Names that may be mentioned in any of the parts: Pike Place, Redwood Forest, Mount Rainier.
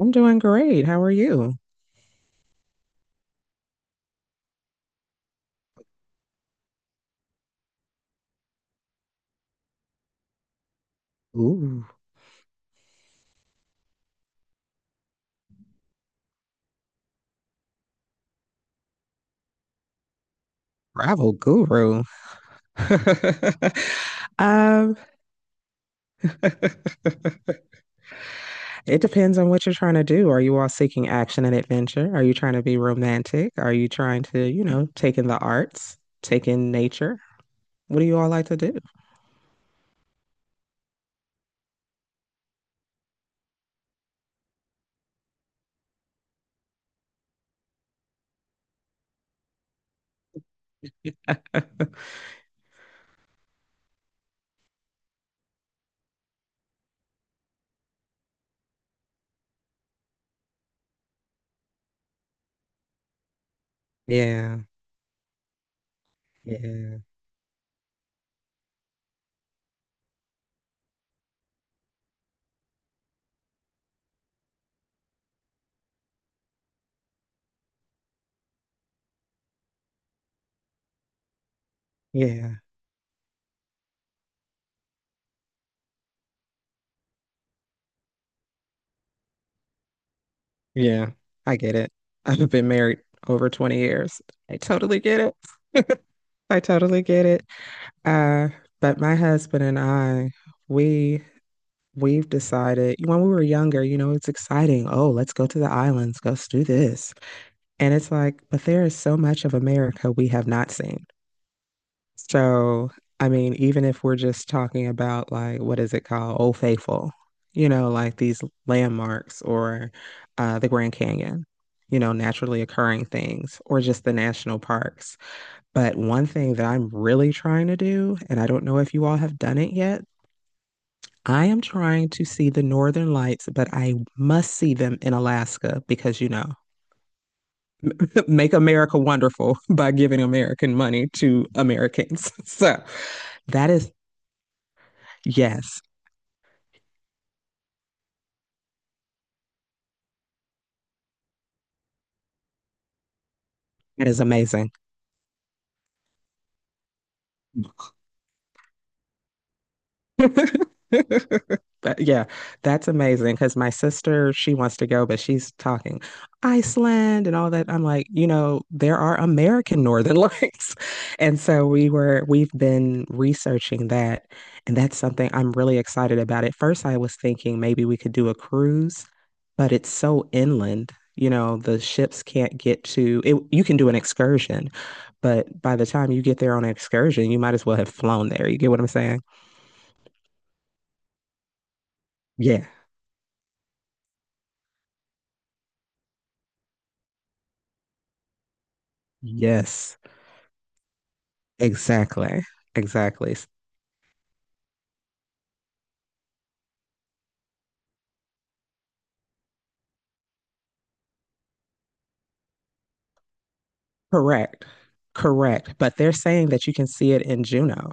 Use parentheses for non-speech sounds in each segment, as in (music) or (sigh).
I'm doing great. How are you? Ooh, travel guru. (laughs) Um, (laughs) it depends on what you're trying to do. Are you all seeking action and adventure? Are you trying to be romantic? Are you trying to, you know, take in the arts, take in nature? What do you all like to do? (laughs) Yeah, yeah, yeah, yeah. I get it. I've been married over 20 years. I totally get it. I totally get it. Uh, but my husband and I, we we've decided when we were younger, you know, it's exciting. Oh, let's go to the islands, let's do this. And it's like, but there is so much of America we have not seen. So, I mean, even if we're just talking about like what is it called? Old Faithful, you know, like these landmarks or the Grand Canyon, you know, naturally occurring things or just the national parks. But one thing that I'm really trying to do, and I don't know if you all have done it yet, I am trying to see the Northern Lights, but I must see them in Alaska because, you know, (laughs) make America wonderful by giving American money to Americans. (laughs) So that is. Yes, that is amazing. (laughs) But yeah, that's amazing because my sister, she wants to go, but she's talking Iceland and all that. I'm like, you know, there are American Northern (laughs) Lights. And so we've been researching that. And that's something I'm really excited about. At first, I was thinking maybe we could do a cruise, but it's so inland. You know, the ships can't get to it. You can do an excursion, but by the time you get there on an excursion, you might as well have flown there. You get what I'm saying? Yeah. Yes, exactly. Exactly. Correct. Correct. But they're saying that you can see it in Juneau.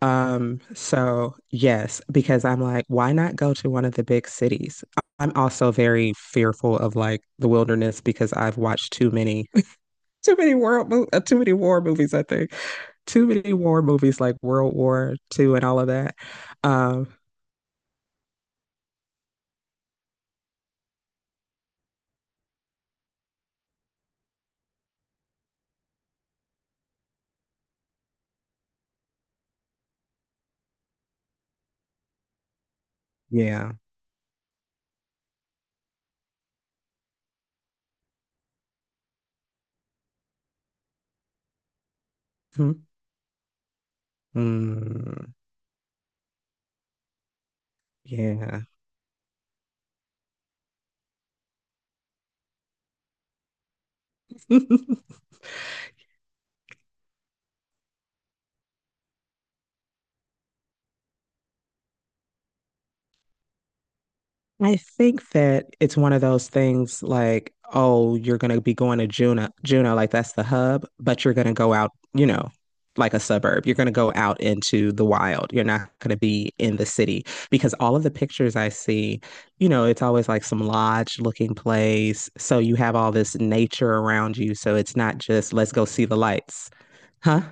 So yes, because I'm like, why not go to one of the big cities? I'm also very fearful of like the wilderness because I've watched (laughs) too many war movies, I think. Too many war movies like World War II and all of that. Um, yeah. Hmm. Mm, yeah. (laughs) I think that it's one of those things like, oh, you're going to be going to Juneau, Juneau, like that's the hub, but you're going to go out, you know, like a suburb. You're going to go out into the wild. You're not going to be in the city because all of the pictures I see, you know, it's always like some lodge looking place. So you have all this nature around you. So it's not just, let's go see the lights, huh?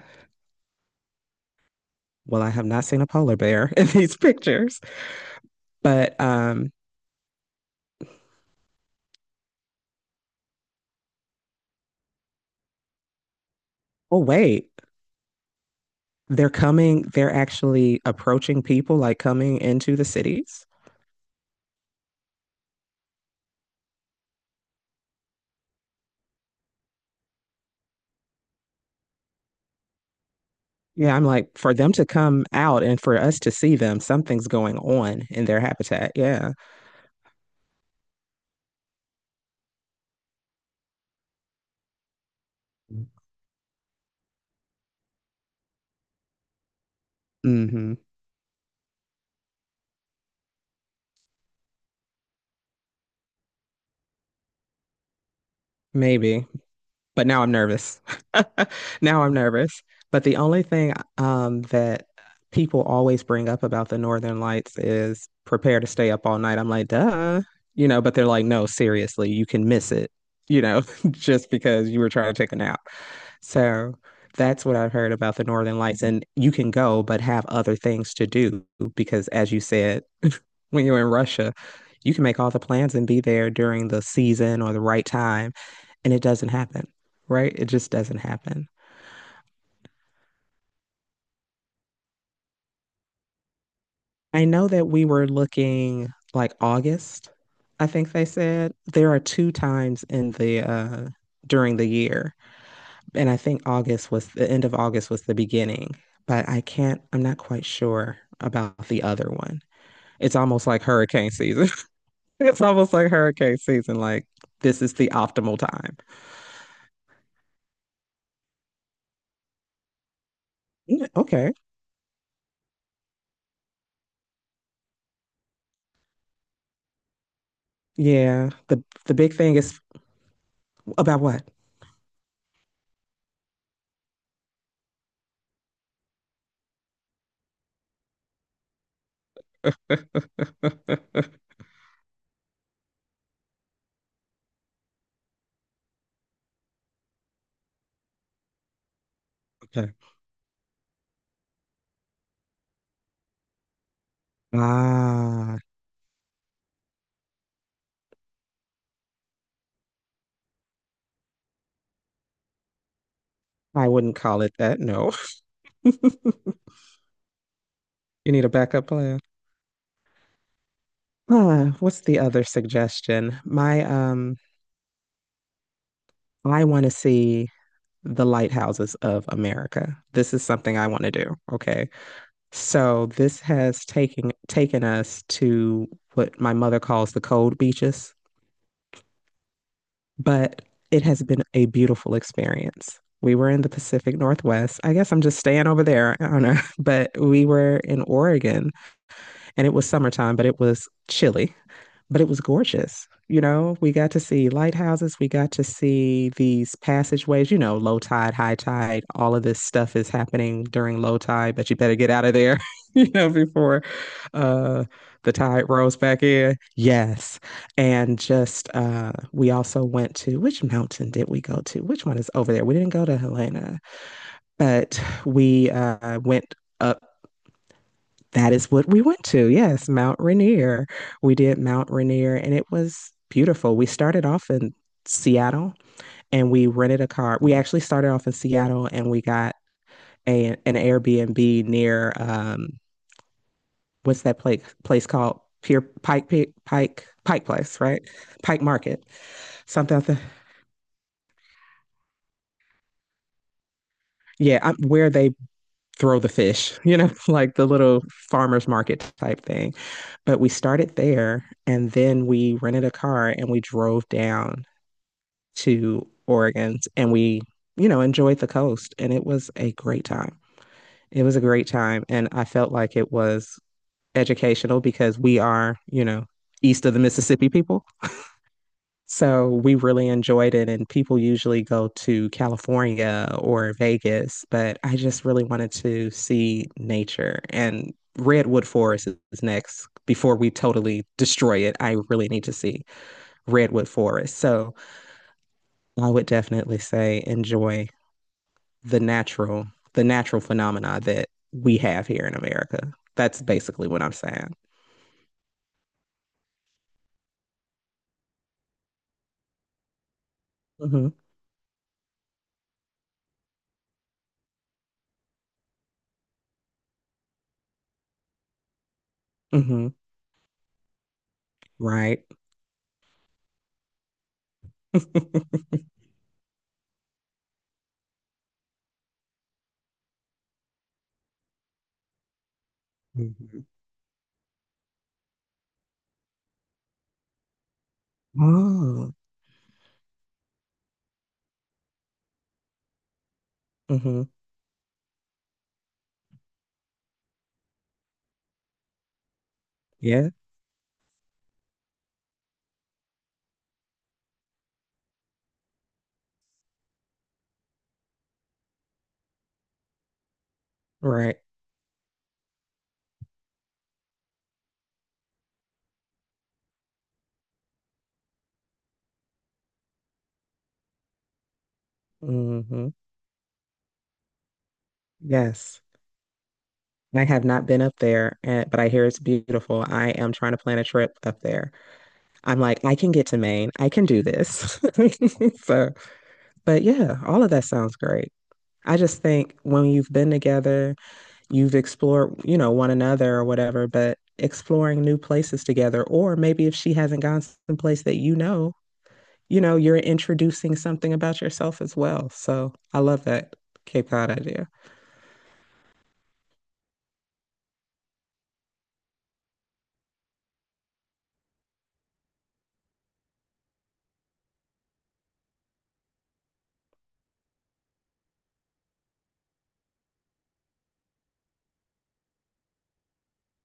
Well, I have not seen a polar bear (laughs) in these pictures, but, um, oh, wait. They're coming, they're actually approaching people, like coming into the cities. Yeah, I'm like, for them to come out and for us to see them, something's going on in their habitat. Yeah. Hmm. Maybe. But now I'm nervous. (laughs) Now I'm nervous. But the only thing that people always bring up about the Northern Lights is prepare to stay up all night. I'm like, duh. You know, but they're like, no, seriously, you can miss it, you know, (laughs) just because you were trying to take a nap. So that's what I've heard about the Northern Lights. And you can go, but have other things to do because, as you said, when you're in Russia, you can make all the plans and be there during the season or the right time, and it doesn't happen, right? It just doesn't happen. I know that we were looking like August, I think they said. There are two times in the during the year, and I think August was the end of August was the beginning, but I'm not quite sure about the other one. It's almost like hurricane season. (laughs) It's almost like hurricane season. Like this is the optimal time. Yeah, okay. Yeah. The big thing is about what? (laughs) Okay. Ah, I wouldn't call it that. No. (laughs) you need a backup plan. Ah, what's the other suggestion? My I want to see the lighthouses of America. This is something I want to do. Okay. So this has taken us to what my mother calls the cold beaches. But it has been a beautiful experience. We were in the Pacific Northwest. I guess I'm just staying over there. I don't know. (laughs) But we were in Oregon and it was summertime, but it was chilly but it was gorgeous. You know, we got to see lighthouses, we got to see these passageways, you know, low tide, high tide, all of this stuff is happening during low tide, but you better get out of there, (laughs) you know, before uh the tide rolls back in. Yes. And just we also went to which mountain did we go to? Which one is over there? We didn't go to Helena, but we went up that is what we went to. Yes, Mount Rainier. We did Mount Rainier and it was beautiful. We started off in Seattle and we rented a car. We actually started off in Seattle and we got a, an Airbnb near what's that place called Pier Pike Pike Pike Pike Place, right? Pike Market. Something like that. Yeah, I where they throw the fish, you know, (laughs) like the little farmers market type thing. But we started there and then we rented a car and we drove down to Oregon and we, you know, enjoyed the coast and it was a great time. It was a great time and I felt like it was educational because we are, you know, east of the Mississippi people. So we really enjoyed it and people usually go to California or Vegas, but I just really wanted to see nature and Redwood Forest is next before we totally destroy it. I really need to see Redwood Forest. So I would definitely say enjoy the natural the natural phenomena that we have here in America. That's basically what I'm saying. Hmm. Hmm. Right. (laughs) Hmm. Oh. Hmm. Yeah. Right. Hmm. Yes. I have not been up there, and, but I hear it's beautiful. I am trying to plan a trip up there. I'm like, I can get to Maine. I can do this. (laughs) So, but yeah, all of that sounds great. I just think when you've been together you've explored, you know, one another or whatever, but exploring new places together. Or maybe if she hasn't gone someplace that you know, you're introducing something about yourself as well. So I love that Cape Cod idea.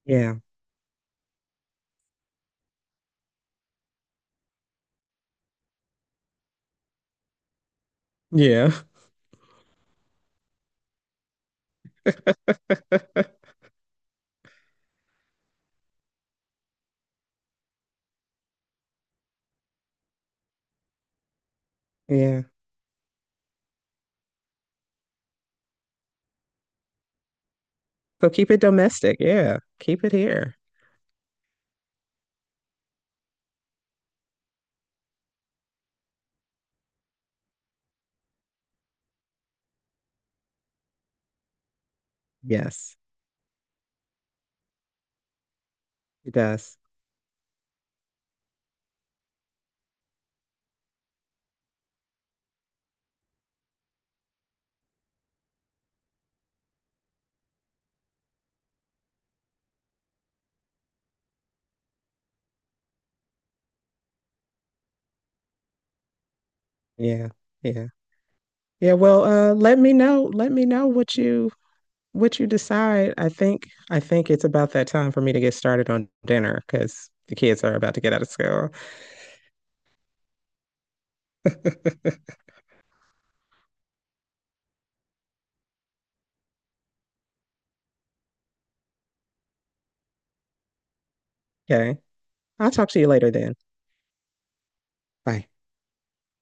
Yeah. Yeah. (laughs) Yeah. So keep it domestic. Yeah. Keep it here. Yes, it does. Yeah. Yeah. Yeah. Well, let me know. Let me know what you decide, I think it's about that time for me to get started on dinner because the kids are about to get out of school. Okay. I'll talk to you later then. Bye.